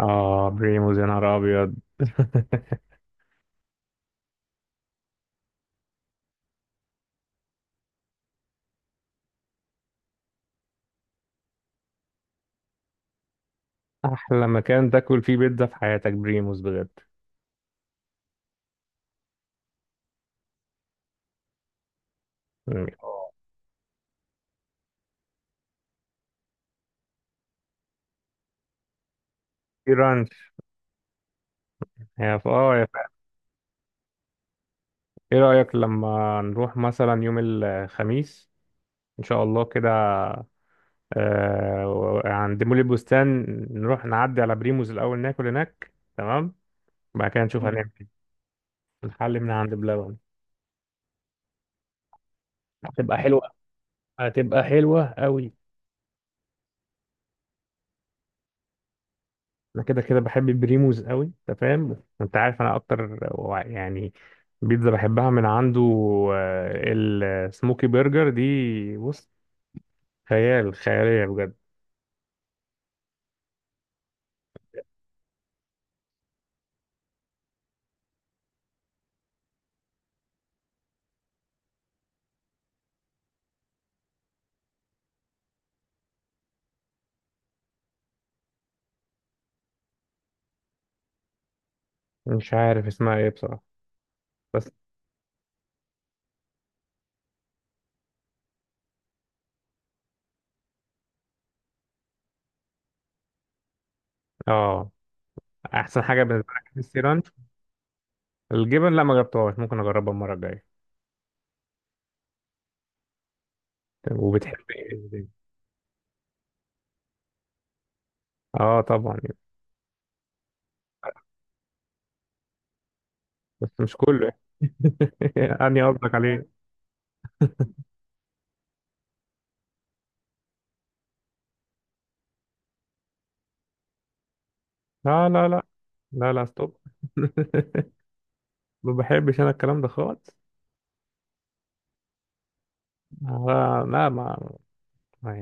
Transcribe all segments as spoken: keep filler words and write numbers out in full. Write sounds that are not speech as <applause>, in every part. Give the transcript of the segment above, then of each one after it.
اه بريموز، يا نهار ابيض! <laughs> احلى مكان تاكل فيه بيتزا في حياتك، بريموز بجد. اه، في رانش. يا ف... اه يا ف... ايه رأيك لما نروح مثلا يوم الخميس؟ ان شاء الله كده. آه... عند مول البستان. نروح نعدي على بريموز الاول، ناكل هناك، تمام. بعد كده نشوف هنعمل إيه. نحل من عند بلبن. هتبقى حلوة. هتبقى حلوة قوي. انا كده كده بحب بريموز قوي، انت فاهم، انت عارف انا اكتر وع- يعني، بيتزا بحبها من عنده. آه، السموكي برجر دي، بص، خيال، خيالية بجد. مش عارف اسمها ايه بصراحة، بس اه، احسن حاجة بالنسبة لك السي رانش. الجبن؟ لا، ما جربتهاش، ممكن اجربها المرة الجاية. طب، وبتحب ايه؟ اه طبعا يعني، بس مش كله. <laughs> اني قصدك عليه. لا، لا، لا. لا، لا، ستوب. <laughs> ما بحبش انا الكلام ده خالص. لا، لا. ما.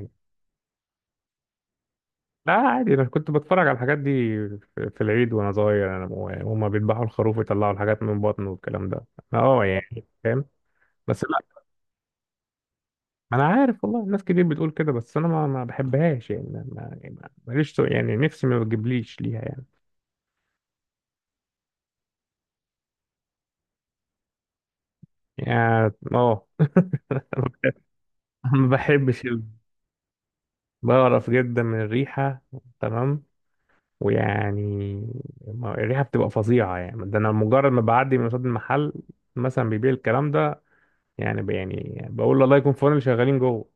لا، عادي، انا كنت بتفرج على الحاجات دي في في العيد، وانا صغير، انا و- هما بيذبحوا الخروف ويطلعوا الحاجات من بطنه والكلام ده. أنا اه يعني فاهم. بس لا، انا عارف والله الناس كتير بتقول كده، بس انا ما, ما بحبهاش يعني، ما ما- ماليش سو- يعني نفسي ما بتجيبليش ليها يعني. يعني اه <laughs> ما بحبش. ال- بقرف جدا من الريحة. تمام. ويعني، ما- الريحة بتبقى فظيعة، يعني ده أنا مجرد ما بعدي من قصاد المحل مثلا بيبيع الكلام ده. يعني ب- يعني بقول الله يكون في عون اللي شغالين جوه.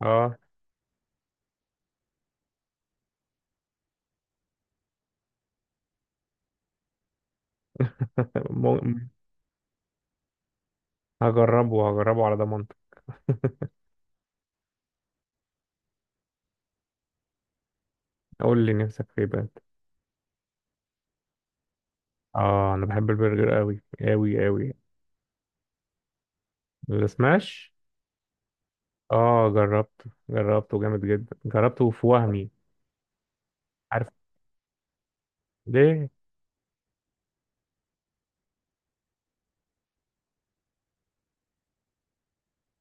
اه <laughs> م- هجربه هجربه على ضمانتك. <laughs> قول لي، نفسك في ايه بقى؟ اه انا بحب البرجر قوي، قوي قوي. السماش؟ اه جربته جربته جامد جدا، جربته في وهمي. عارف ليه.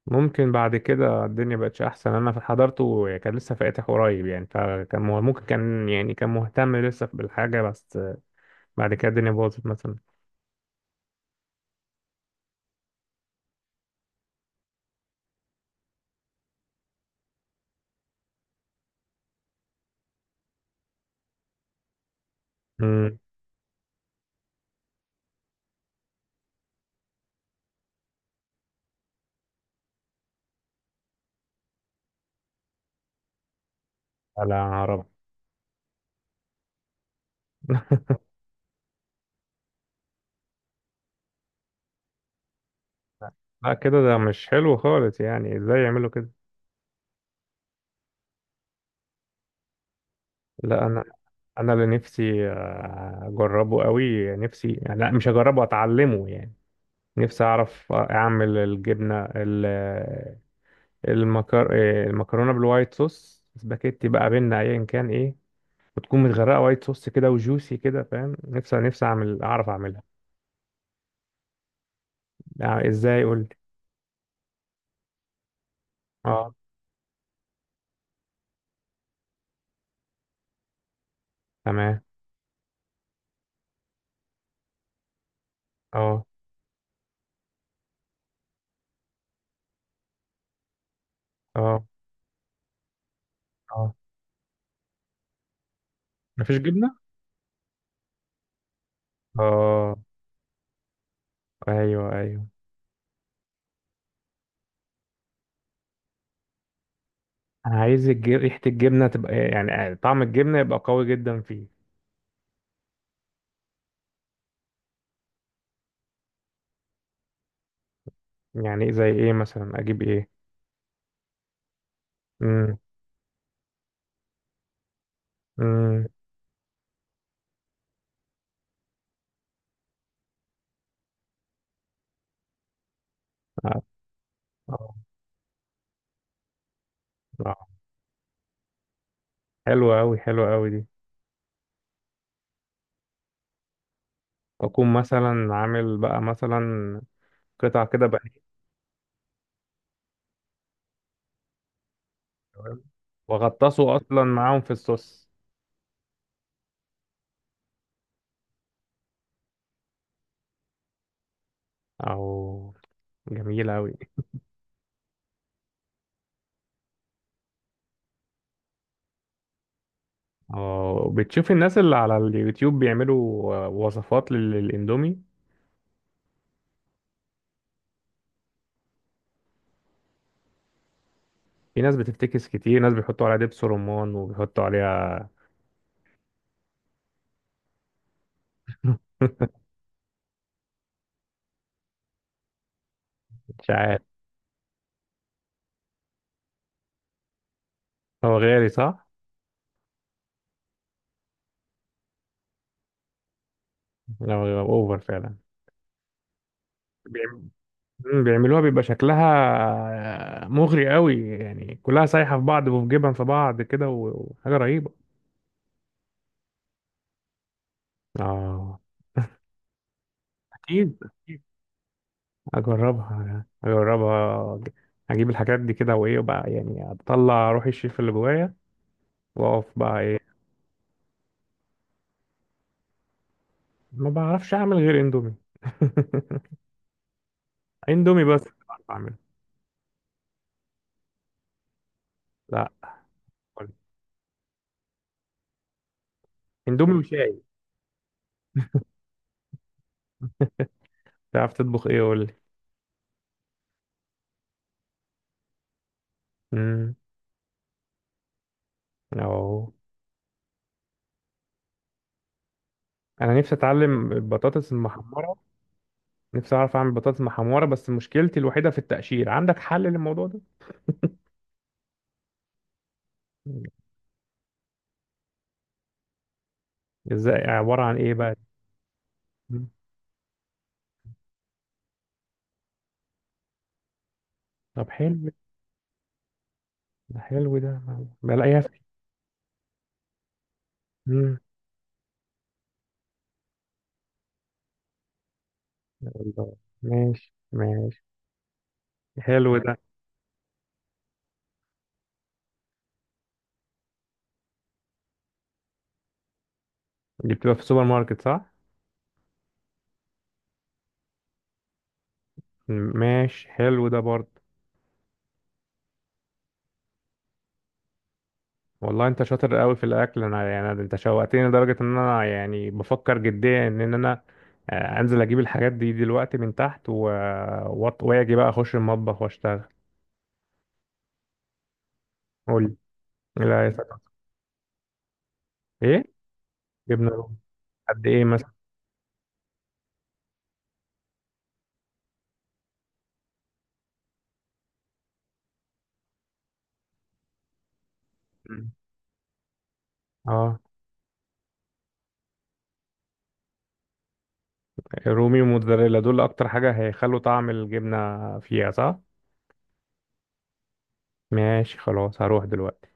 ممكن بعد كده الدنيا بقتش احسن، انا حضرته كان لسه فاتح قريب يعني، فكان مه- ممكن كان يعني كان مهتم لسه بالحاجه بس. بعد كده الدنيا باظت مثلا. امم على عرب. لا، كده ده مش حلو خالص، يعني ازاي يعملوا كده؟ لا انا. انا اللي نفسي آه، اجربه قوي، نفسي يعني، لا مش اجربه، اتعلمه يعني. نفسي اعرف اعمل الجبنه ال- المكر... آه، المكرونه بالوايت صوص سباكيتي بقى بينا ايا كان ايه، وتكون متغرقه وايت صوص كده وجوسي كده، فاهم؟ نفسي نفسي اعمل اعرف اعملها، يعني ازاي؟ قول لي. اه. تمام. اه، اه، اه. مفيش جبنه؟ اه. ايوه، ايوه. عايز الج- ريحة الجبنة تبقى إيه، يعني آه، طعم الجبنة يبقى قوي جدا فيه. يعني إيه؟ زي ايه مثلا؟ اجيب ايه؟ امم امم آه، آه، آه. حلوة اوي، حلوة اوي دي. اكون مثلا عامل بقى، مثلا قطع كده بقى، واغطسه اصلا معاهم في الصوص. او، جميلة اوي. اه بتشوف الناس اللي على اليوتيوب بيعملوا آه، وصفات لل- للاندومي، في ناس بتفتكس، كتير ناس بيحطوا عليها دبس رمان وبيحطوا عليها. <laughs> مش عارف. هو غالي، صح؟ لو اوفر فعلا. بيعم- مم، بيعملوها بيبقى شكلها مغري قوي، يعني كلها سايحة في بعض وفي جبن في بعض كده و- وحاجة رهيبة. اه، اكيد اكيد، اجربها اجربها أج- اجيب الحاجات دي كده، وايه بقى يعني؟ اطلع روح الشيف اللي جوايا، واقف بقى ايه. ما بعرفش اعمل غير اندومي. <laughs> اندومي بس بعرف اعمله. لا. قولي. اندومي وشاي. تعرف تطبخ ايه؟ قول لي. امم اه. انا نفسي اتعلم البطاطس المحمرة. نفسي اعرف اعمل بطاطس محمره، بس مشكلتي الوحيده في التقشير، عندك حل للموضوع ده؟ مم. ازاي؟ عباره عن ايه بقى؟ مم. طب، حلو. ده حلو ده. بلاقيها في. مم. الله. ماشي، ماشي. حلو ده. دي بتبقى في السوبر ماركت، صح؟ مم. ماشي، حلو ده برضه. والله انت شاطر قوي في الاكل، انا يعني انت شوقتني لدرجه ان انا يعني بفكر جديا ان انا آه، انزل اجيب الحاجات دي دلوقتي من تحت و... وأط- واجي بقى اخش المطبخ واشتغل. قول لي. لا، يا سلام. ايه؟ جبنه رومي؟ قد ايه مثلا؟ اه. رومي وموتزاريلا دول اكتر حاجة هيخلوا طعم الجبنة فيها، صح؟ ماشي خلاص، هروح دلوقتي.